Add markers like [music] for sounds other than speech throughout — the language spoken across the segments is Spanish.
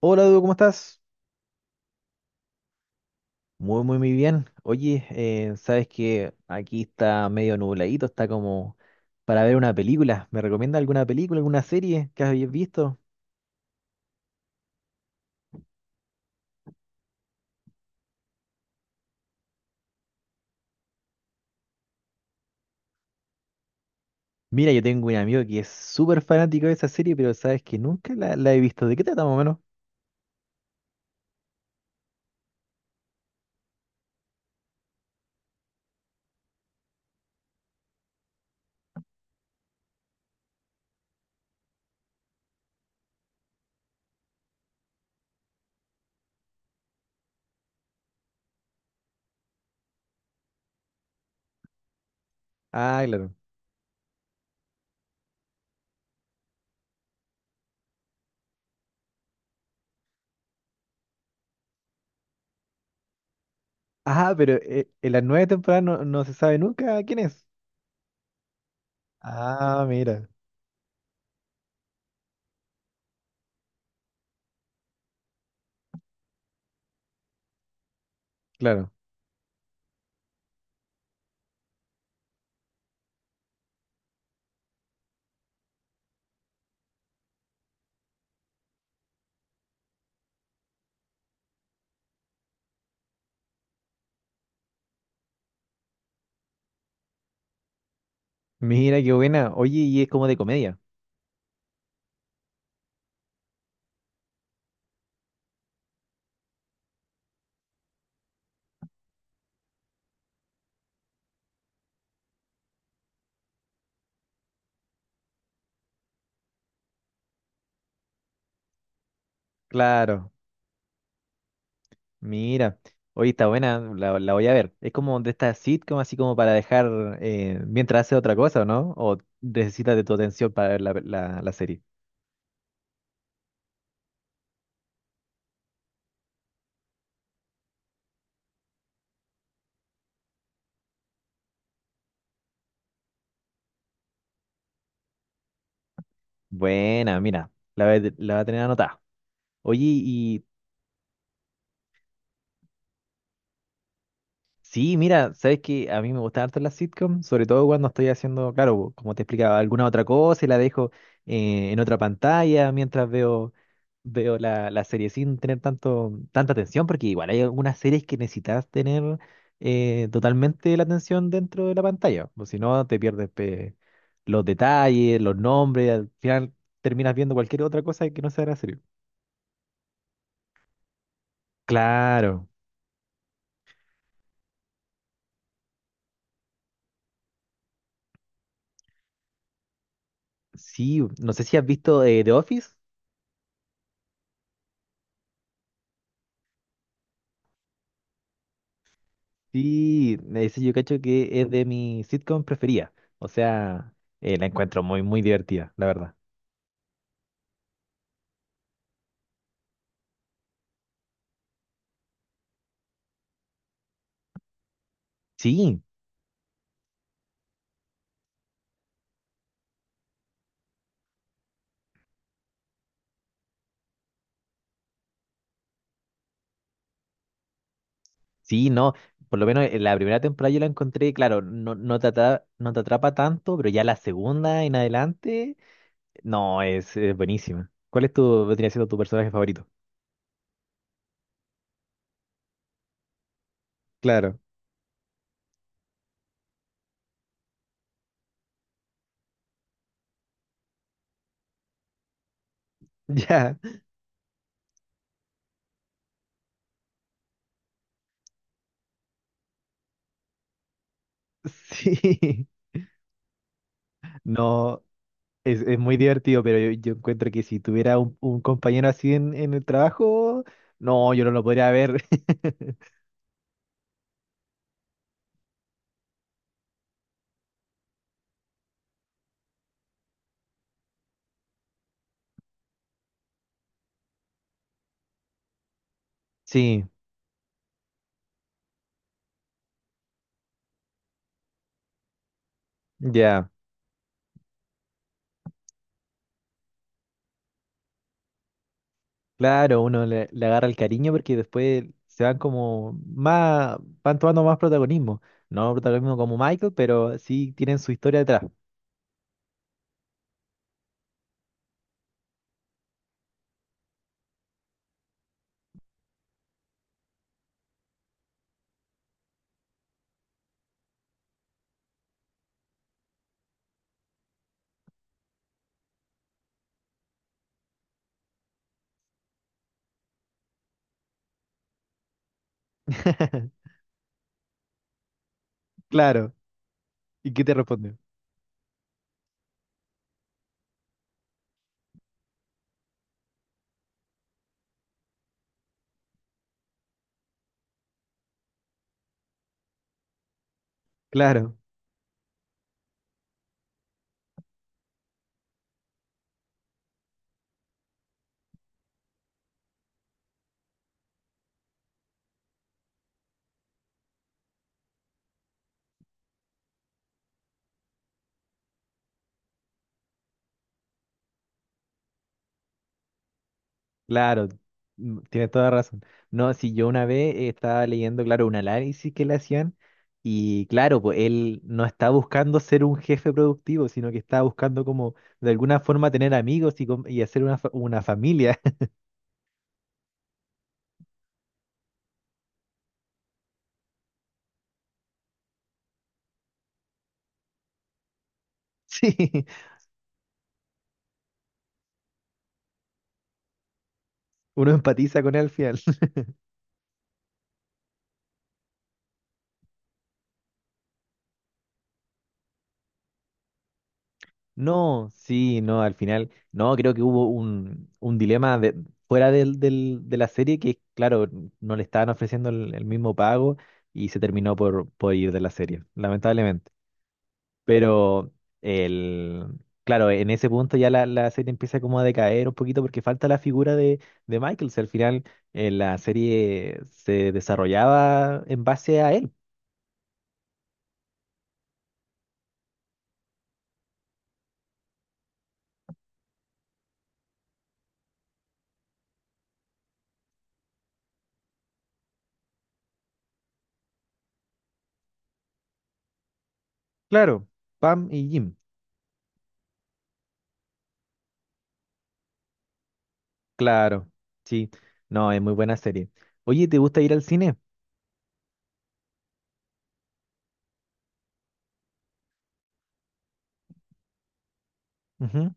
Hola, Dudu, ¿cómo estás? Muy, muy, muy bien. Oye, sabes que aquí está medio nubladito, está como para ver una película. ¿Me recomienda alguna película, alguna serie que hayas visto? Mira, yo tengo un amigo que es súper fanático de esa serie, pero sabes que nunca la he visto. ¿De qué trata más o menos? Ah, claro. Ah, pero en las nueve temporadas no se sabe nunca quién es. Ah, mira, claro. Mira, qué buena. Oye, y es como de comedia. Claro. Mira, oye, está buena, la voy a ver. Es como de esta sitcom, así como para dejar mientras hace otra cosa, ¿o ¿no? O necesitas de tu atención para ver la serie. Buena, mira, la, la va a tener anotada. Oye, y sí, mira, sabes que a mí me gustan harto las sitcoms, sobre todo cuando estoy haciendo, claro, como te explicaba, alguna otra cosa y la dejo en otra pantalla mientras veo la serie sin tener tanta atención, porque igual hay algunas series que necesitas tener totalmente la atención dentro de la pantalla, o si no te pierdes pe, los detalles, los nombres, al final terminas viendo cualquier otra cosa que no sea la serie. Claro, sí, no sé si has visto The Office. Sí, ese yo cacho que es de mi sitcom preferida. O sea, la encuentro muy, muy divertida, la verdad. Sí, sí, no. Por lo menos en la primera temporada yo la encontré, claro, no te atrapa, no te atrapa tanto, pero ya la segunda en adelante, no, es buenísima. ¿Cuál es tu, vendría siendo tu personaje favorito? Claro. [laughs] Ya, sí. No, es muy divertido, pero yo encuentro que si tuviera un compañero así en el trabajo, no, yo no lo podría ver. [laughs] Sí, ya, claro, uno le, le agarra el cariño porque después se van como más, van tomando más protagonismo. No protagonismo como Michael, pero sí tienen su historia detrás. [laughs] Claro, ¿y qué te respondió? Claro, claro, mm, tienes toda razón. No, si yo una vez estaba leyendo, claro, un análisis que le hacían y claro, pues él no está buscando ser un jefe productivo, sino que está buscando como de alguna forma tener amigos y, y hacer una, una familia. [laughs] Sí. Uno empatiza con él al final. [laughs] No, sí, no, al final, no, creo que hubo un dilema fuera de la serie que, claro, no le estaban ofreciendo el mismo pago y se terminó por ir de la serie, lamentablemente. Pero, el, claro, en ese punto ya la serie empieza como a decaer un poquito porque falta la figura de Michael. Si al final la serie se desarrollaba en base a él. Claro, Pam y Jim. Claro, sí. No, es muy buena serie. Oye, ¿te gusta ir al cine? Ujú.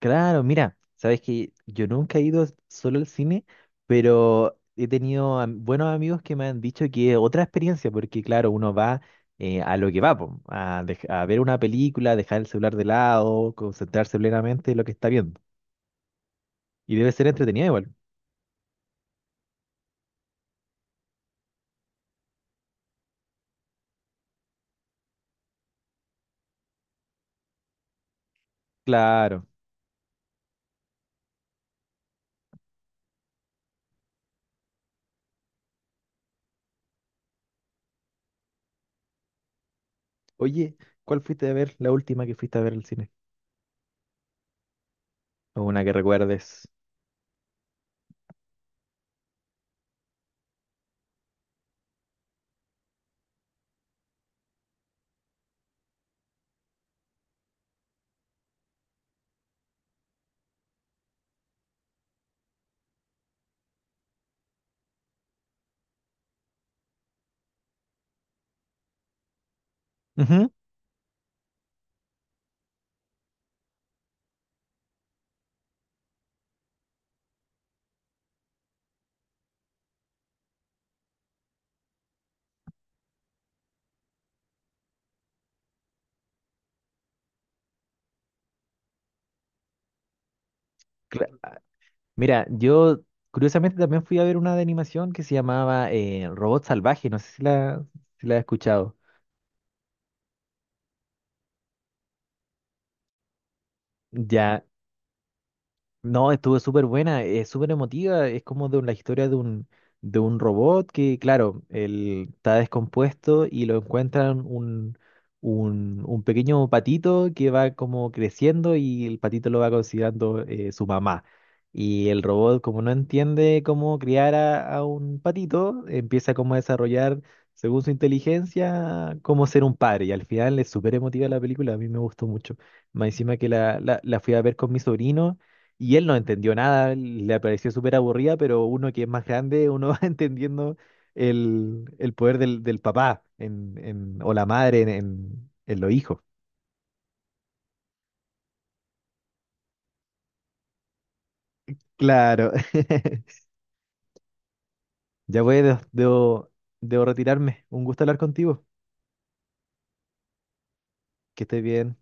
Claro, mira, sabes que yo nunca he ido solo al cine, pero he tenido am- buenos amigos que me han dicho que es otra experiencia, porque claro, uno va a lo que va, po, a, a ver una película, dejar el celular de lado, concentrarse plenamente en lo que está viendo. Y debe ser entretenida igual. Claro. Oye, ¿cuál fuiste a ver la última que fuiste a ver al cine? O una que recuerdes. Ujú. Mira, yo curiosamente también fui a ver una de animación que se llamaba Robot Salvaje, no sé si si la has escuchado. Ya. No, estuvo súper buena, es súper emotiva, es como de la historia de de un robot que, claro, él está descompuesto y lo encuentran un pequeño patito que va como creciendo y el patito lo va considerando su mamá. Y el robot, como no entiende cómo criar a un patito, empieza como a desarrollar, según su inteligencia, cómo ser un padre. Y al final es súper emotiva la película, a mí me gustó mucho. Más encima que la fui a ver con mi sobrino. Y él no entendió nada, le pareció súper aburrida, pero uno que es más grande, uno [laughs] va entendiendo el poder del papá o la madre en los hijos. Claro. [laughs] Ya voy, debo retirarme. Un gusto hablar contigo. Que estés bien.